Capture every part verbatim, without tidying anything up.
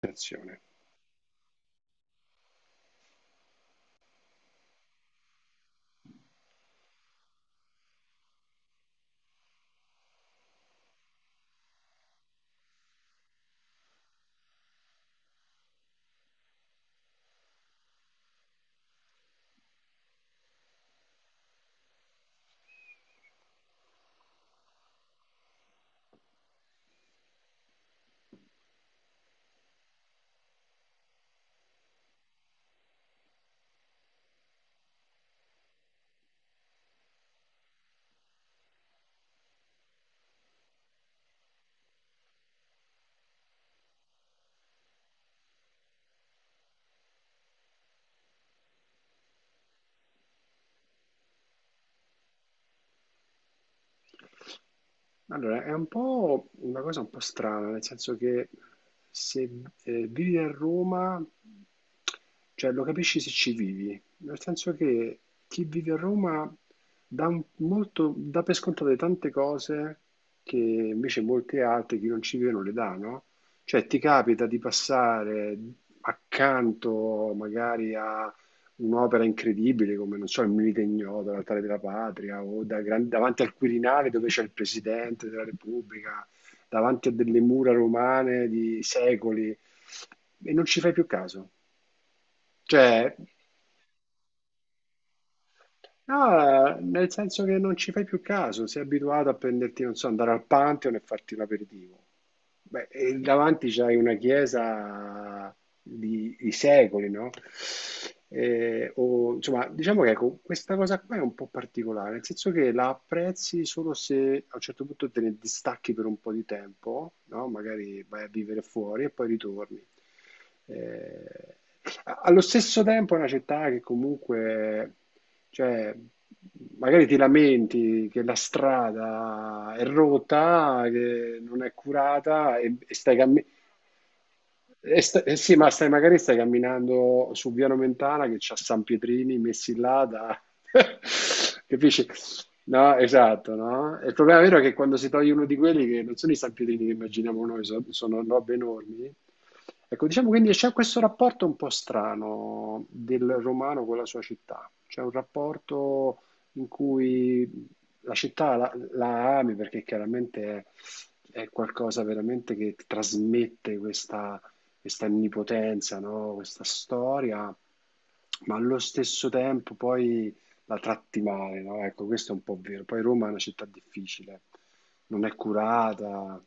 Attenzione. Allora, è un po' una cosa un po' strana, nel senso che se eh, vivi a Roma, cioè lo capisci se ci vivi, nel senso che chi vive a Roma dà, un- molto, dà per scontate tante cose che invece molte altre, chi non ci vive, non le dà, no? Cioè ti capita di passare accanto magari a un'opera incredibile come, non so, il Milite Ignoto, l'Altare della Patria, o da gran- davanti al Quirinale dove c'è il Presidente della Repubblica, davanti a delle mura romane di secoli, e non ci fai più caso. Cioè. Ah, nel senso che non ci fai più caso, sei abituato a prenderti, non so, andare al Pantheon e farti l'aperitivo. Beh, e davanti c'hai una chiesa di, di secoli, no? Eh, o, insomma, diciamo che ecco, questa cosa qua è un po' particolare, nel senso che la apprezzi solo se a un certo punto te ne distacchi per un po' di tempo, no? Magari vai a vivere fuori e poi ritorni. Eh, allo stesso tempo è una città che comunque, cioè, magari ti lamenti che la strada è rotta, che non è curata e, e stai camminando. E sta- eh sì, ma stai, magari stai camminando su Via Nomentana che c'ha San Pietrini messi là da Capisci? No, esatto, no? E il problema vero è che quando si toglie uno di quelli che non sono i stampedini che immaginiamo noi, so- sono robe enormi. Ecco, diciamo quindi c'è questo rapporto un po' strano del romano con la sua città. C'è un rapporto in cui la città la, la ami perché chiaramente è, è qualcosa veramente che ti trasmette questa, questa onnipotenza, no? Questa storia, ma allo stesso tempo poi la tratti male, no? Ecco, questo è un po' vero. Poi Roma è una città difficile, non è curata.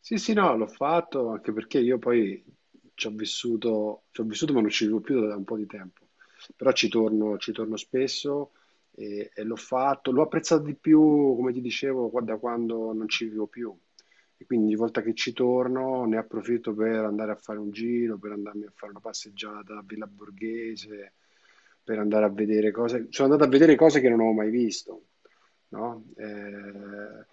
Sì, sì, no, l'ho fatto anche perché io poi ci ho vissuto, ci ho vissuto ma non ci vivo più da un po' di tempo, però ci torno, ci torno spesso e, e l'ho fatto, l'ho apprezzato di più, come ti dicevo, qua- da quando non ci vivo più e quindi ogni volta che ci torno ne approfitto per andare a fare un giro, per andarmi a fare una passeggiata a Villa Borghese, per andare a vedere cose, sono andato a vedere cose che non avevo mai visto, no? Eh,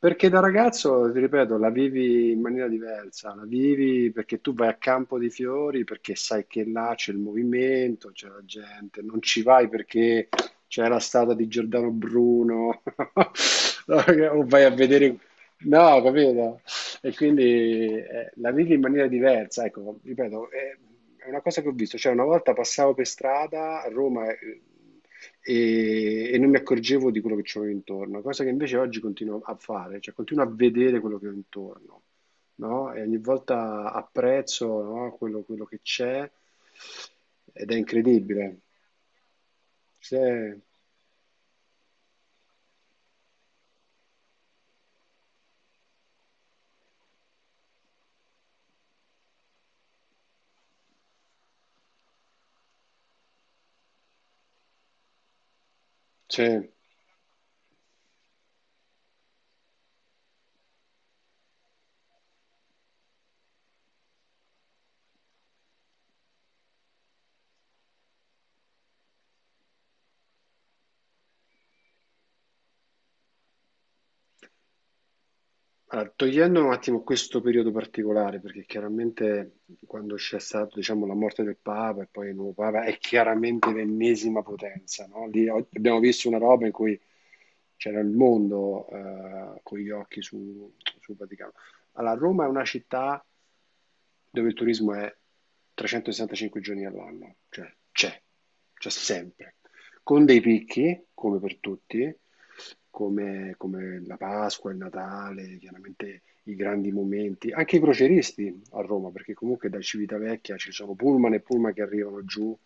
perché da ragazzo, ti ripeto, la vivi in maniera diversa, la vivi perché tu vai a Campo dei Fiori, perché sai che là c'è il movimento, c'è la gente, non ci vai perché c'è la statua di Giordano Bruno, o vai a vedere... No, capito? E quindi eh, la vivi in maniera diversa, ecco, ripeto, è, è una cosa che ho visto, cioè una volta passavo per strada a Roma... eh, e, e non mi accorgevo di quello che c'avevo intorno, cosa che invece oggi continuo a fare, cioè continuo a vedere quello che ho intorno, no? E ogni volta apprezzo, no, quello, quello che c'è ed è incredibile. C'è, c'è. Allora, togliendo un attimo questo periodo particolare, perché chiaramente quando c'è stata, diciamo, la morte del Papa e poi il nuovo Papa è chiaramente l'ennesima potenza, no? Lì o- abbiamo visto una roba in cui c'era il mondo eh, con gli occhi su- sul Vaticano. Allora, Roma è una città dove il turismo è trecentosessantacinque giorni all'anno, cioè c'è, c'è sempre, con dei picchi, come per tutti, come, come la Pasqua, il Natale, chiaramente i grandi momenti, anche i croceristi a Roma, perché comunque da Civitavecchia ci sono pullman e pullman che arrivano giù,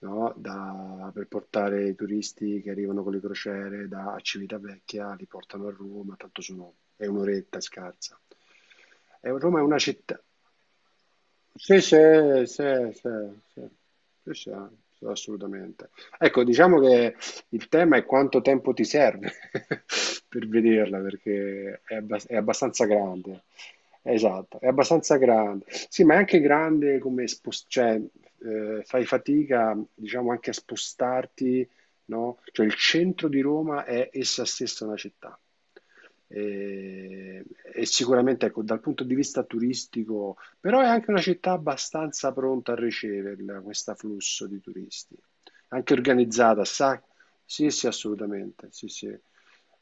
no, da- per portare i turisti che arrivano con le crociere da Civitavecchia, li portano a Roma, tanto sono, è un'oretta scarsa. E Roma è una città, sì, sì, sì, sì, sì, sì, sì, assolutamente. Ecco, diciamo che il tema è quanto tempo ti serve per vederla, perché è, abbas- è abbastanza grande. Esatto, è abbastanza grande. Sì, ma è anche grande come spos- cioè, eh, fai fatica, diciamo, anche a spostarti, no? Cioè il centro di Roma è essa stessa una città. E, e sicuramente, ecco, dal punto di vista turistico però è anche una città abbastanza pronta a riceverla, questo flusso di turisti. Anche organizzata, sa? Sì, sì, assolutamente, sì, sì,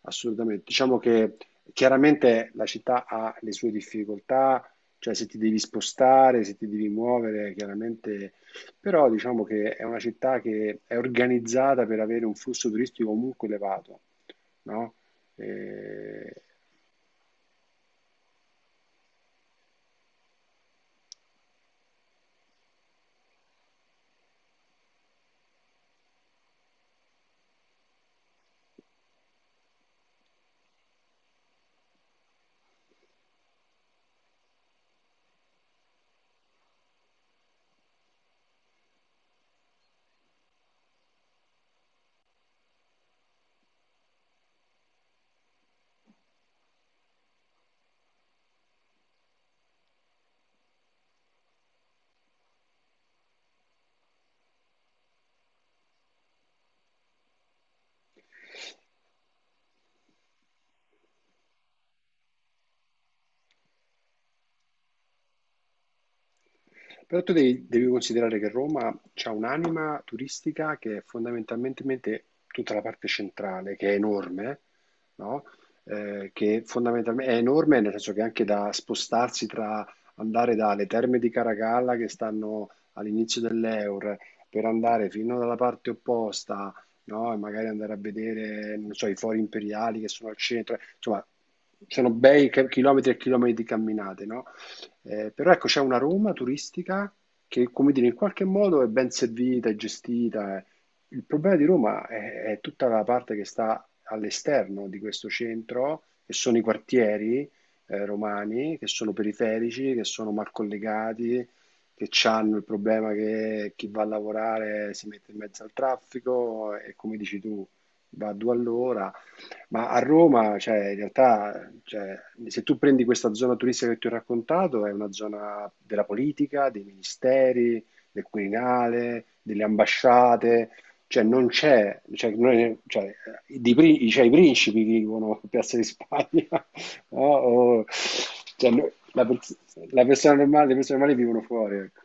assolutamente. Diciamo che chiaramente la città ha le sue difficoltà, cioè se ti devi spostare, se ti devi muovere, chiaramente, però diciamo che è una città che è organizzata per avere un flusso turistico comunque elevato, no? Eh, però tu devi, devi considerare che Roma ha un'anima turistica che è fondamentalmente tutta la parte centrale, che è enorme, no? Eh, che fondamentalmente è enorme nel senso che anche da spostarsi tra andare dalle terme di Caracalla che stanno all'inizio dell'Eur per andare fino dalla parte opposta, no? E magari andare a vedere, non so, i fori imperiali che sono al centro, insomma, sono bei ca- chilometri e chilometri di camminate, no? Eh, però ecco, c'è una Roma turistica che, come dire, in qualche modo è ben servita, è gestita. eh. Il problema di Roma è, è tutta la parte che sta all'esterno di questo centro, che sono i quartieri eh, romani, che sono periferici, che sono mal collegati, che hanno il problema che chi va a lavorare si mette in mezzo al traffico e come dici tu, va a due all'ora ma a Roma, cioè, in realtà, cioè, se tu prendi questa zona turistica che ti ho raccontato, è una zona della politica, dei ministeri, del Quirinale, delle ambasciate, cioè non c'è, cioè, noi- cioè, di pri- cioè, i principi vivono a Piazza di Spagna, no? O- cioè, noi- la, pers- la persona normale, le persone normali vivono fuori, ecco.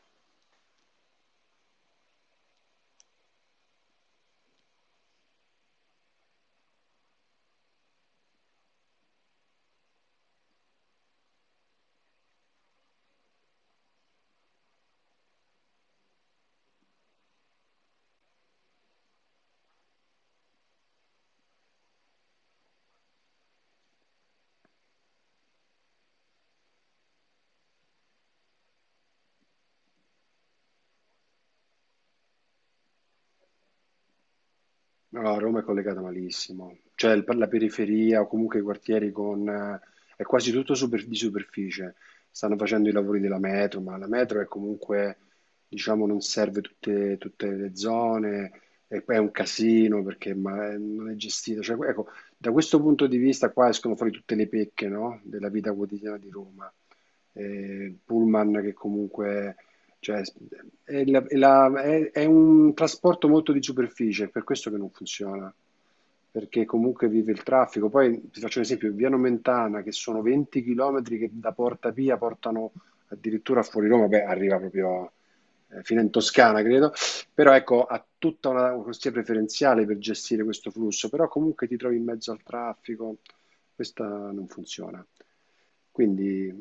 No, no, Roma è collegata malissimo, cioè il- per la periferia o comunque i quartieri con... eh, è quasi tutto super- di superficie, stanno facendo i lavori della metro, ma la metro è comunque, diciamo, non serve tutte, tutte le zone e poi è un casino perché ma, eh, non è gestita. Cioè, ecco, da questo punto di vista qua escono fuori tutte le pecche, no, della vita quotidiana di Roma, eh, il pullman che comunque cioè, è, la- è la- è- è un trasporto molto di superficie, è per questo che non funziona, perché comunque vive il traffico. Poi ti faccio un esempio, via Nomentana, che sono venti chilometri che da Porta Pia portano addirittura fuori Roma, beh, arriva proprio eh, fino in Toscana, credo, però ecco, ha tutta una corsia preferenziale per gestire questo flusso, però comunque ti trovi in mezzo al traffico, questa non funziona. Quindi,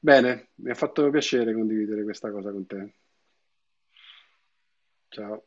bene, mi ha fatto piacere condividere questa cosa con te. Ciao.